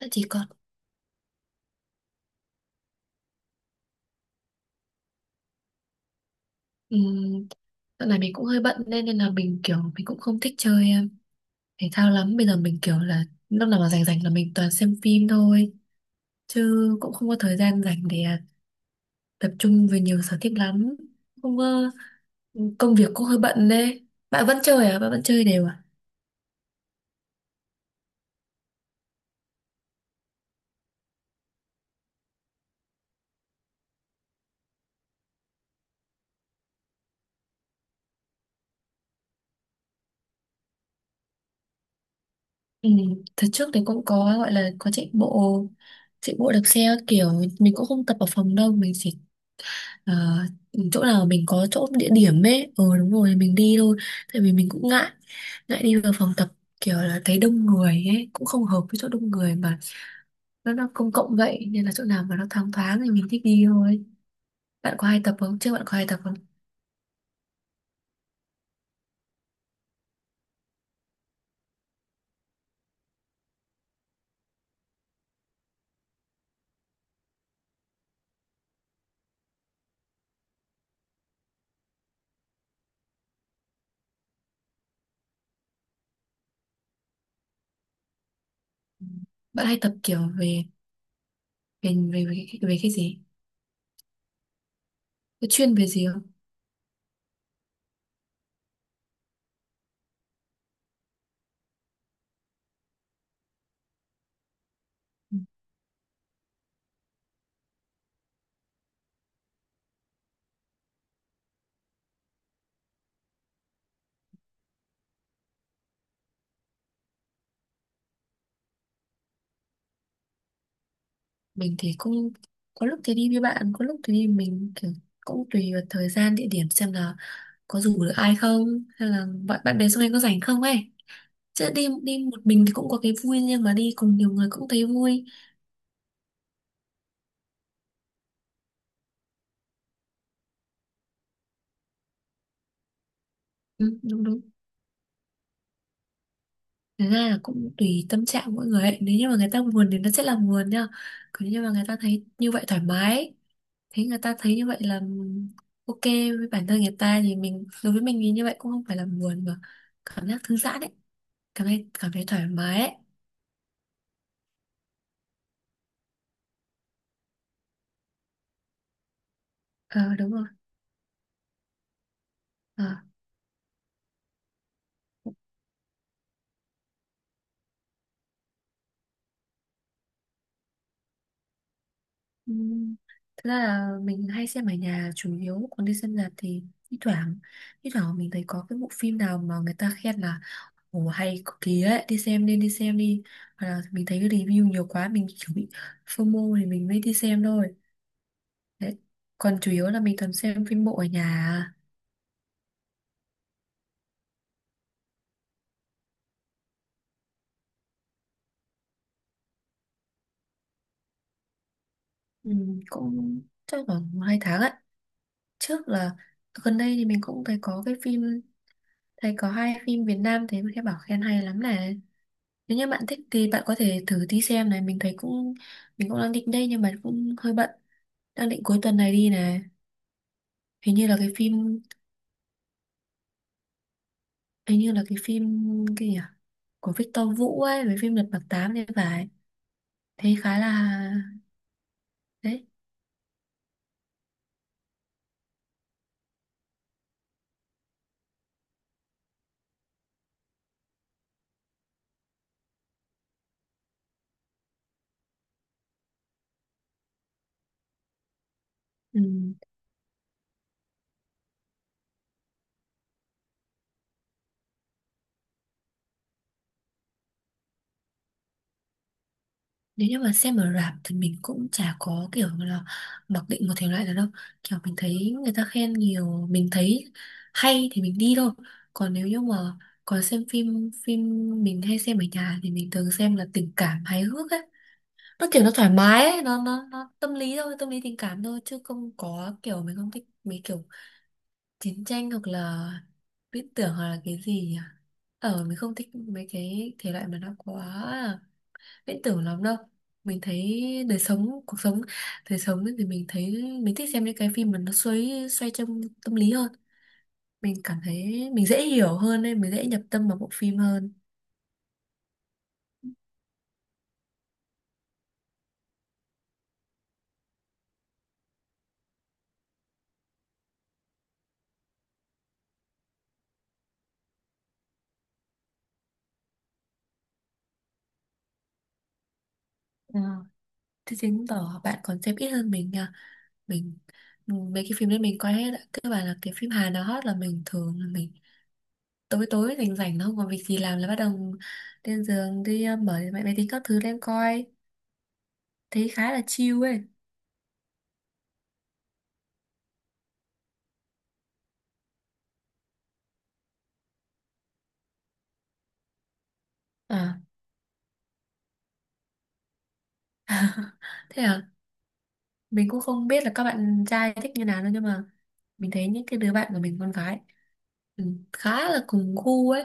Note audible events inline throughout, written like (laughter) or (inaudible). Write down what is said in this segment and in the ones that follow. Thế chỉ còn. um, Dạo này mình cũng hơi bận nên nên là mình kiểu mình cũng không thích chơi thể thao lắm. Bây giờ mình kiểu là lúc nào mà rảnh rảnh là mình toàn xem phim thôi chứ cũng không có thời gian rảnh để tập trung về nhiều sở thích lắm. Không có công việc cũng hơi bận đấy. Bạn vẫn chơi à? Bạn vẫn chơi đều à? Ừ, thật trước thì cũng có gọi là có chạy bộ đạp xe các kiểu, mình cũng không tập ở phòng đâu, mình chỉ Ờ, chỗ nào mình có chỗ địa điểm ấy, đúng rồi mình đi thôi. Tại vì mình cũng ngại ngại đi vào phòng tập, kiểu là thấy đông người ấy, cũng không hợp với chỗ đông người, mà nó công cộng vậy, nên là chỗ nào mà nó thoáng thoáng thì mình thích đi thôi. Bạn có hay tập không, trước bạn có hay tập không? Ừ. Bạn hay tập kiểu về về cái gì, có chuyên về gì không? Ừ. Mình thì cũng có lúc thì đi với bạn, có lúc thì đi mình kiểu, cũng tùy vào thời gian địa điểm, xem là có rủ được ai không, hay là bạn bạn bè xung quanh có rảnh không ấy. Chứ đi đi một mình thì cũng có cái vui riêng, mà đi cùng nhiều người cũng thấy vui. Ừ, đúng đúng. Thế ra là cũng tùy tâm trạng mỗi người ấy. Nếu như mà người ta buồn thì nó sẽ là buồn nha. Còn nếu như mà người ta thấy như vậy thoải mái ấy, thấy người ta thấy như vậy là ok với bản thân người ta, thì mình, đối với mình thì như vậy cũng không phải là buồn, mà cảm giác thư giãn ấy, cảm thấy thoải mái ấy. Ờ đúng rồi. Ờ. Ừ. Thật ra là mình hay xem ở nhà chủ yếu, còn đi xem rạp thì thi thoảng, thi thoảng mình thấy có cái bộ phim nào mà người ta khen là ồ, hay cực kỳ ấy, đi xem nên đi xem đi, hoặc là mình thấy cái review nhiều quá mình kiểu bị FOMO thì mình mới đi xem thôi đấy, còn chủ yếu là mình toàn xem phim bộ ở nhà à. Ừ, cũng chắc khoảng một hai tháng ấy, trước là, gần đây thì mình cũng thấy có cái phim, thấy có hai phim Việt Nam, thấy các bảo khen hay lắm này. Nếu như bạn thích thì bạn có thể thử đi xem này, mình thấy cũng, mình cũng đang định đây nhưng mà cũng hơi bận, đang định cuối tuần này đi này. Hình như là cái phim, hình như là cái phim kia à? Của Victor Vũ ấy, với phim Lật Mặt Tám thì phải, thấy khá là, đấy. Ừ. Nếu như mà xem ở rạp thì mình cũng chả có kiểu là mặc định một thể loại nào đâu, kiểu mình thấy người ta khen nhiều, mình thấy hay thì mình đi thôi. Còn nếu như mà, còn xem phim phim mình hay xem ở nhà thì mình thường xem là tình cảm hài hước ấy, nó kiểu nó thoải mái ấy, nó tâm lý thôi, tâm lý tình cảm thôi, chứ không có kiểu, mình không thích mấy kiểu chiến tranh hoặc là viễn tưởng, hoặc là cái gì nhỉ, mình không thích mấy cái thể loại mà nó quá viễn tưởng lắm đâu. Mình thấy đời sống, cuộc sống, đời sống thì mình thấy mình thích xem những cái phim mà nó xoay, xoay trong tâm lý hơn, mình cảm thấy mình dễ hiểu hơn nên mình dễ nhập tâm vào bộ phim hơn. Ờ, thế chứng tỏ bạn còn xem ít hơn mình nha, mình mấy cái phim đấy mình coi hết ạ, các bạn là cái phim Hàn nào hot là mình thường là mình tối tối rảnh rảnh nó không còn việc gì làm là bắt đầu lên giường đi, mở máy máy tính các thứ lên coi, thấy khá là chill ấy. À. (laughs) Thế à, mình cũng không biết là các bạn trai thích như nào đâu, nhưng mà mình thấy những cái đứa bạn của mình con gái, ừ, khá là cùng gu ấy,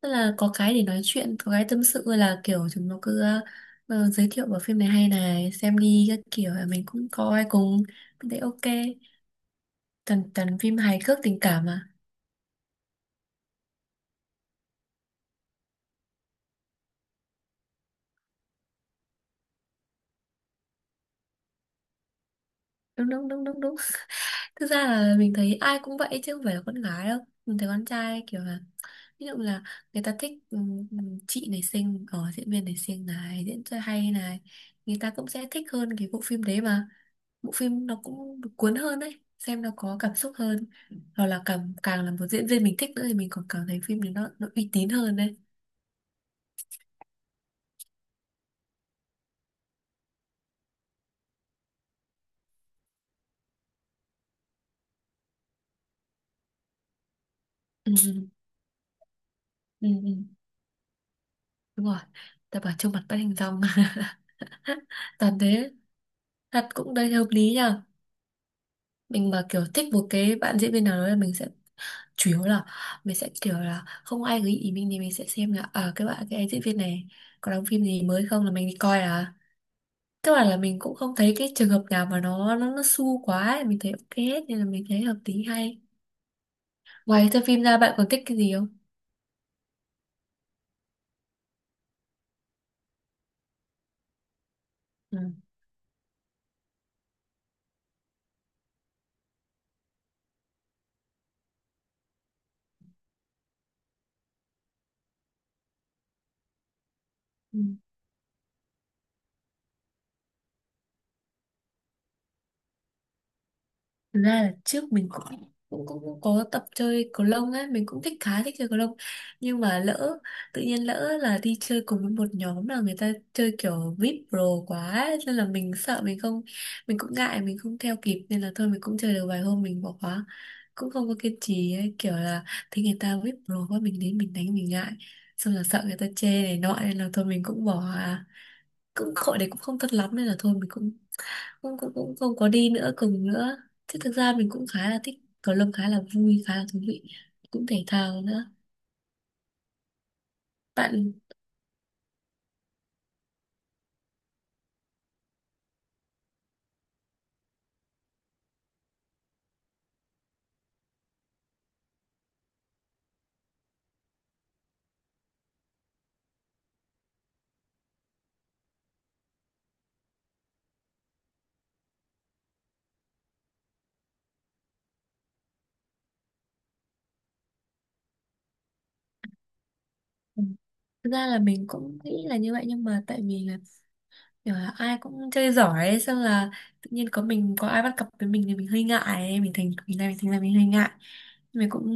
tức là có cái để nói chuyện, có cái tâm sự, là kiểu chúng nó cứ giới thiệu bộ phim này hay này, xem đi các kiểu, mình cũng coi cùng, mình thấy ok, toàn toàn phim hài cước tình cảm mà. Đúng đúng đúng đúng đúng. Thực ra là mình thấy ai cũng vậy chứ không phải là con gái đâu. Mình thấy con trai kiểu là, ví dụ là người ta thích chị này xinh, diễn viên này xinh này, diễn xuất hay này, người ta cũng sẽ thích hơn cái bộ phim đấy mà. Bộ phim nó cũng cuốn hơn đấy, xem nó có cảm xúc hơn. Hoặc là càng càng là một diễn viên mình thích nữa thì mình còn cảm thấy phim đấy nó uy tín hơn đấy. Ừ, ừ, ừ, ừ, đúng rồi. Ta bảo trông mặt bắt hình dong, (laughs) toàn thế. Thật cũng đây hợp lý nhờ. Mình mà kiểu thích một cái bạn diễn viên nào đó là mình sẽ, chủ yếu là mình sẽ kiểu là không ai gợi ý mình thì mình sẽ xem là các bạn, cái em diễn viên này có đóng phim gì mới không là mình đi coi à, tức là mình cũng không thấy cái trường hợp nào mà nó su quá ấy, mình thấy ok hết nên là mình thấy hợp lý hay. Ngoài xem phim ra bạn còn thích cái gì không? Ừ. Thực ra là trước mình cũng có tập chơi cầu lông ấy, mình cũng thích, khá thích chơi cầu lông, nhưng mà lỡ, tự nhiên lỡ là đi chơi cùng với một nhóm là người ta chơi kiểu VIP pro quá ấy, nên là mình sợ mình không, mình cũng ngại, mình không theo kịp, nên là thôi mình cũng chơi được vài hôm mình bỏ khóa, cũng không có kiên trì ấy, kiểu là thấy người ta VIP pro quá, mình đến mình đánh mình ngại, xong là sợ người ta chê này nọ nên là thôi mình cũng bỏ à. Cũng hội đấy cũng không tốt lắm nên là thôi mình cũng cũng cũng cũng không có đi nữa, cùng nữa, chứ thực ra mình cũng khá là thích cầu lông, khá là vui, khá là thú vị, cũng thể thao nữa. Bạn, ừ, thực ra là mình cũng nghĩ là như vậy, nhưng mà tại vì là kiểu là ai cũng chơi giỏi ấy, xong là tự nhiên có mình, có ai bắt cặp với mình thì mình hơi ngại ấy, mình thành, mình ra, mình thành ra mình hơi ngại, mình cũng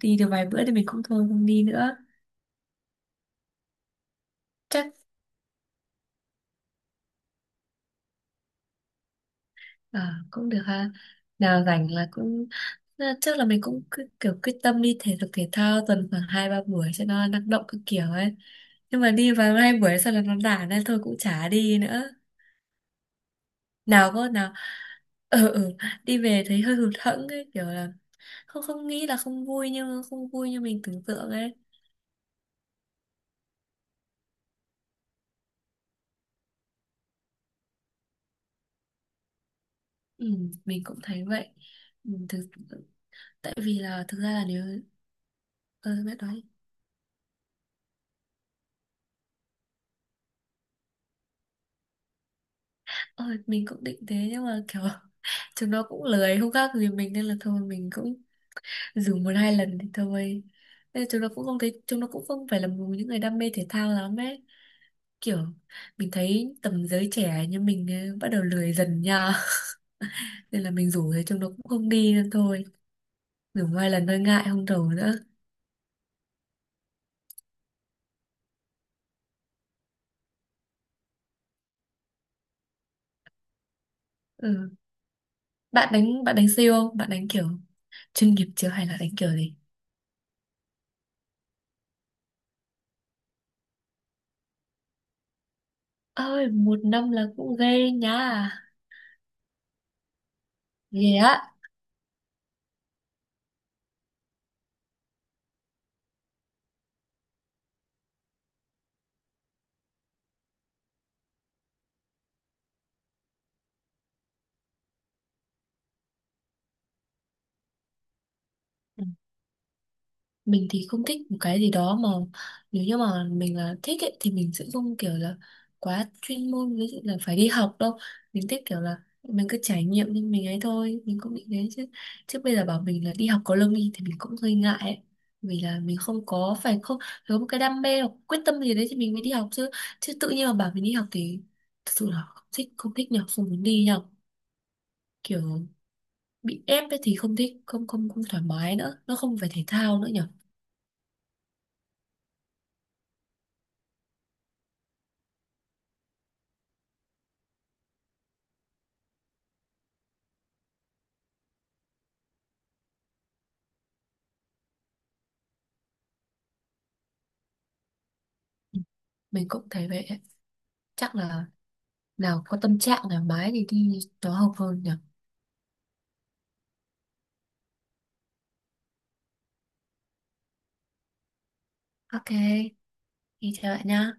đi được vài bữa thì mình cũng thôi không đi nữa. Chắc à, cũng được ha. Nào rảnh là cũng trước là mình cũng cứ kiểu quyết tâm đi thể dục thể thao tuần khoảng hai ba buổi cho nó năng động các kiểu ấy. Nhưng mà đi vào hai buổi sau là nó nản nên thôi cũng chả đi nữa. Nào có nào, ừ, ừ, đi về thấy hơi hụt hẫng ấy, kiểu là không, không nghĩ là không vui nhưng không vui như mình tưởng tượng ấy. Ừ, mình cũng thấy vậy. Ừ, thực, tại vì là thực ra là nếu, ừ, biết nói, ờ, mình cũng định thế nhưng mà kiểu (laughs) chúng nó cũng lười không khác gì mình nên là thôi mình cũng dùng một hai lần thì thôi, nên là chúng nó cũng không thấy, chúng nó cũng không phải là một những người đam mê thể thao lắm ấy, kiểu mình thấy tầm giới trẻ như mình ấy, bắt đầu lười dần nha, (laughs) nên là mình rủ thì chúng nó cũng không đi nên thôi, dùng hai lần thôi ngại không rủ nữa. Ừ. Bạn đánh siêu không, bạn đánh kiểu chuyên nghiệp chưa hay là đánh kiểu gì? Ơi, một năm là cũng ghê nha, ghê á. Ừ. Mình thì không thích một cái gì đó mà, nếu như mà mình là thích ấy, thì mình sẽ không kiểu là quá chuyên môn, ví dụ là phải đi học đâu, mình thích kiểu là mình cứ trải nghiệm nhưng mình ấy thôi, mình cũng bị thế chứ, chứ bây giờ bảo mình là đi học có lương đi thì mình cũng hơi ngại ấy, vì là mình không có phải, không có một cái đam mê hoặc quyết tâm gì đấy thì mình mới đi học chứ, chứ tự nhiên mà bảo mình đi học thì thật sự là không thích, không thích nhở, không muốn đi nhở, kiểu bị ép ấy thì không thích, không không không thoải mái nữa, nó không phải thể thao nữa nhở. Ừ, mình cũng thấy vậy, chắc là nào có tâm trạng thoải mái thì đi nó hợp hơn nhỉ. Ok, đi chơi lại nhá.